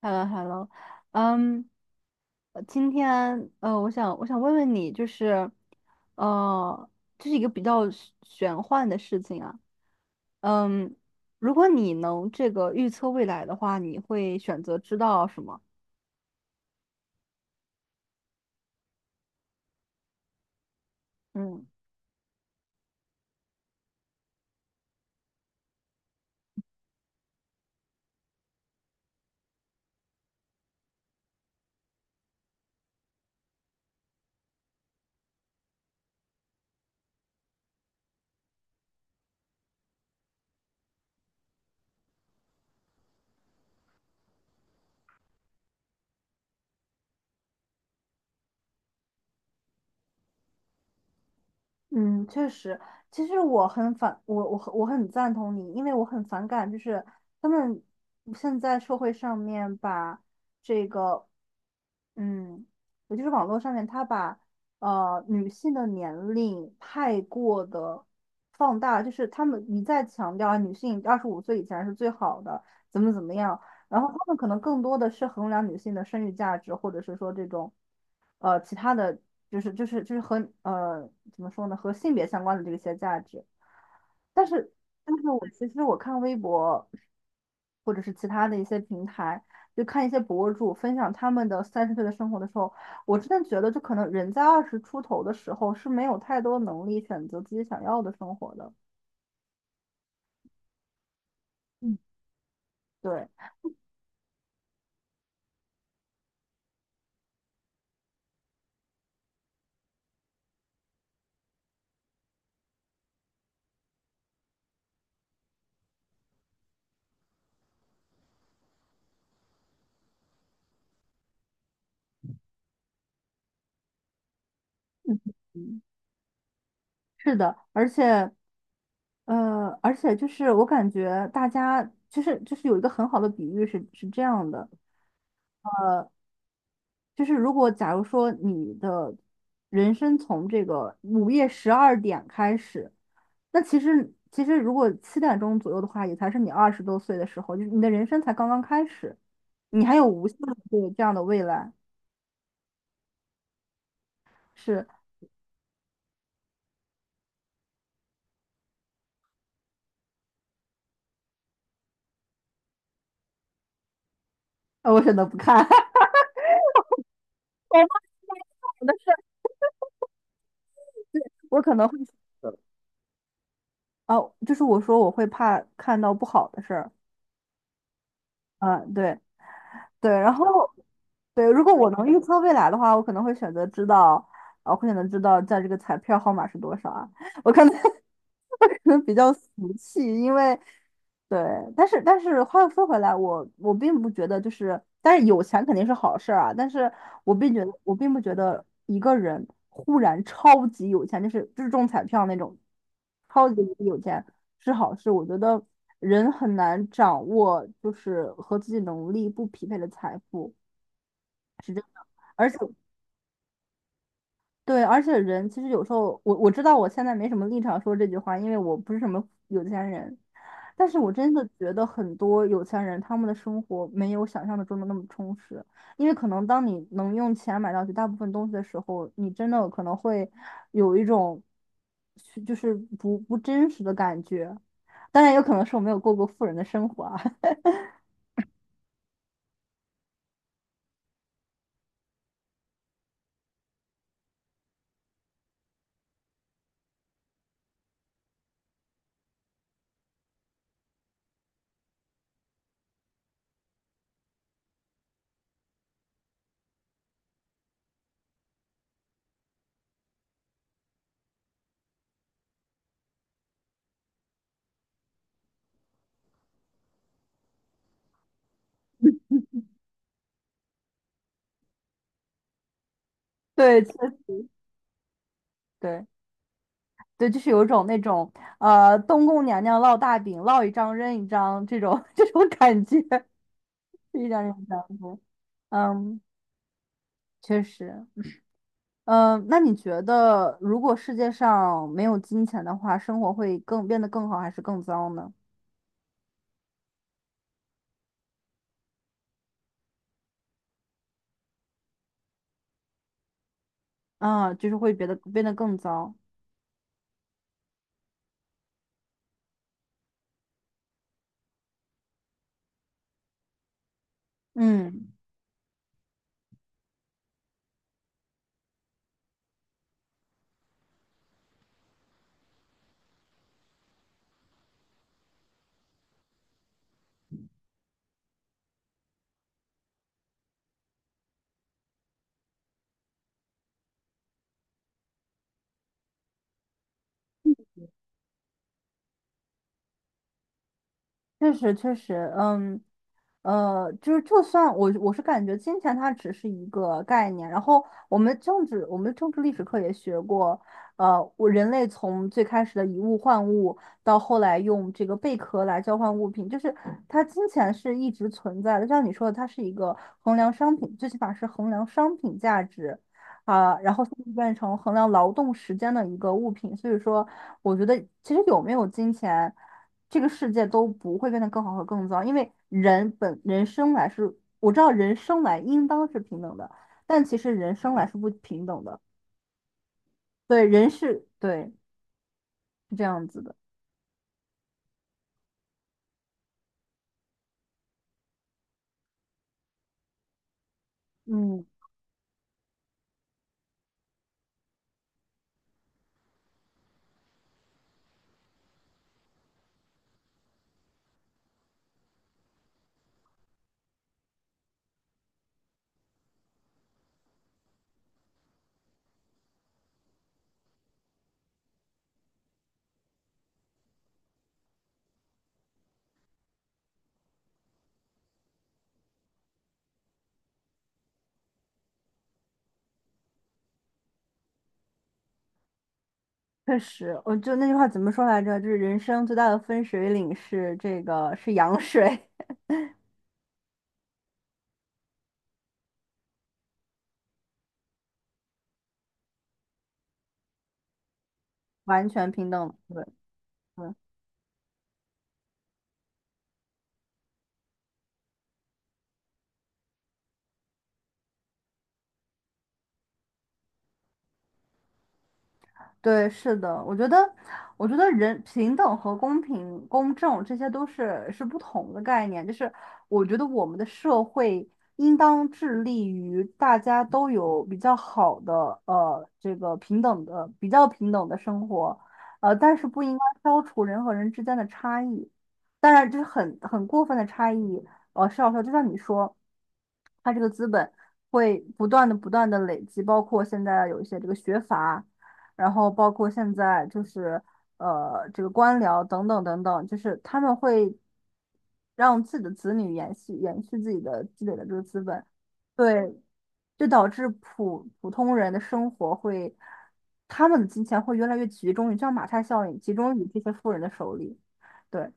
Hello，Hello，嗯。今天,我想问问你，就是，呃，这是一个比较玄幻的事情啊。嗯。如果你能这个预测未来的话，你会选择知道什么？嗯。嗯，确实。其实我很赞同你，因为我很反感，就是他们现在社会上面把这个，嗯，也就是网络上面，他把女性的年龄太过的放大，就是他们一再强调啊女性25岁以前是最好的，怎么怎么样。然后他们可能更多的是衡量女性的生育价值，或者是说这种其他的就是和呃怎么说呢和性别相关的这些价值。但是但是其实我看微博或者是其他的一些平台，就看一些博主分享他们的30岁的生活的时候，我真的觉得就可能人在20出头的时候是没有太多能力选择自己想要的生活的。嗯。对。嗯，嗯，是的，而且，就是我感觉大家就是有一个很好的比喻是这样的。就是如果假如说你的人生从这个午夜12点开始，那其实如果7点钟左右的话，也才是你20多岁的时候，就是你的人生才刚刚开始，你还有无限的这个这样的未来。是。我选择不看。我怕的事儿，我可能会。哦，就是我说我会怕看到不好的事儿。啊，对。对，然后对，如果我能预测未来的话，我可能会选择知道。啊，我会选择知道在这个彩票号码是多少啊。我可能 我可能比较俗气，因为对。但是话又说回来，我并不觉得就是，但是有钱肯定是好事儿啊，但是我并不觉得一个人忽然超级有钱，就是中彩票那种超级有钱，是好事。我觉得人很难掌握，就是和自己能力不匹配的财富。而且对，而且人其实有时候，我知道我现在没什么立场说这句话，因为我不是什么有钱人，但是我真的觉得很多有钱人他们的生活没有想象的中的那么充实，因为可能当你能用钱买到绝大部分东西的时候，你真的可能会有一种就是不真实的感觉。当然，有可能是我没有过过富人的生活啊。对，对对。就是有种那种东宫娘娘烙大饼，烙一张扔一张这种 这种感觉，一张扔一张的。嗯，确实。嗯，那你觉得如果世界上没有金钱的话，生活会变得更好还是更糟呢？啊，就是会变得更糟。嗯，确实确实。嗯，就是就算我是感觉金钱它只是一个概念，然后我们政治历史课也学过。人类从最开始的以物换物，到后来用这个贝壳来交换物品，就是它金钱是一直存在的，就像你说的，它是一个衡量商品，最起码是衡量商品价值。啊，然后现在变成衡量劳动时间的一个物品，所以说，我觉得其实有没有金钱，这个世界都不会变得更好和更糟，因为人生来是，我知道人生来应当是平等的，但其实人生来是不平等的。对，人是，对，是这样子的。嗯，确实，我就那句话怎么说来着？就是人生最大的分水岭是羊水。完全平等。对，嗯。对，是的，我觉得，人平等和公平、公正这些都是不同的概念。就是我觉得我们的社会应当致力于大家都有比较好的这个平等的、比较平等的生活，但是不应该消除人和人之间的差异。当然，这是很过分的差异，是要说，就像你说，它这个资本会不断的、不断的累积，包括现在有一些这个学阀。然后包括现在就是这个官僚等等等等，就是他们会让自己的子女延续延续自己的积累的这个资本。对。就导致普通人的生活会，他们的金钱会越来越集中于，就像马太效应，集中于这些富人的手里。对。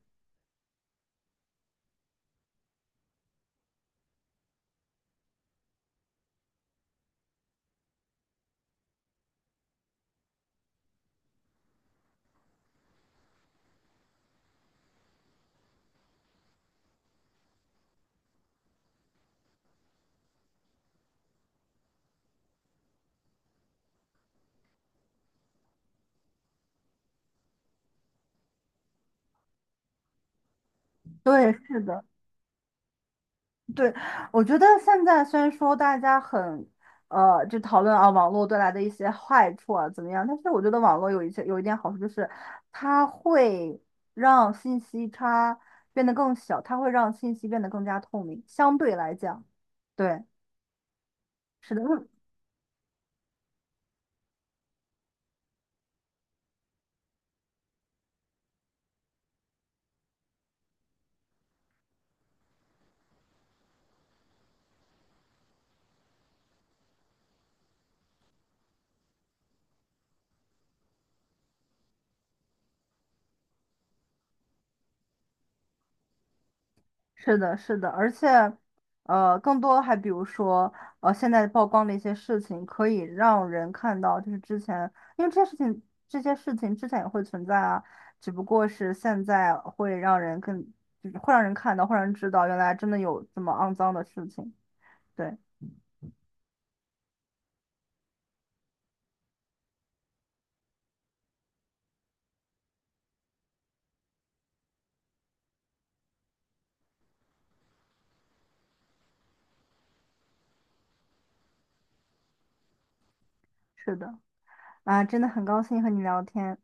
对，是的。对，我觉得现在虽然说大家很，就讨论啊网络带来的一些坏处啊怎么样，但是我觉得网络有一点好处，就是它会让信息差变得更小，它会让信息变得更加透明，相对来讲。对，是的，是的，是的，而且，更多还比如说，现在曝光的一些事情，可以让人看到，就是之前，因为这些事情之前也会存在啊，只不过是现在会让人更，就是会让人看到，会让人知道，原来真的有这么肮脏的事情。对，是的，啊，真的很高兴和你聊天。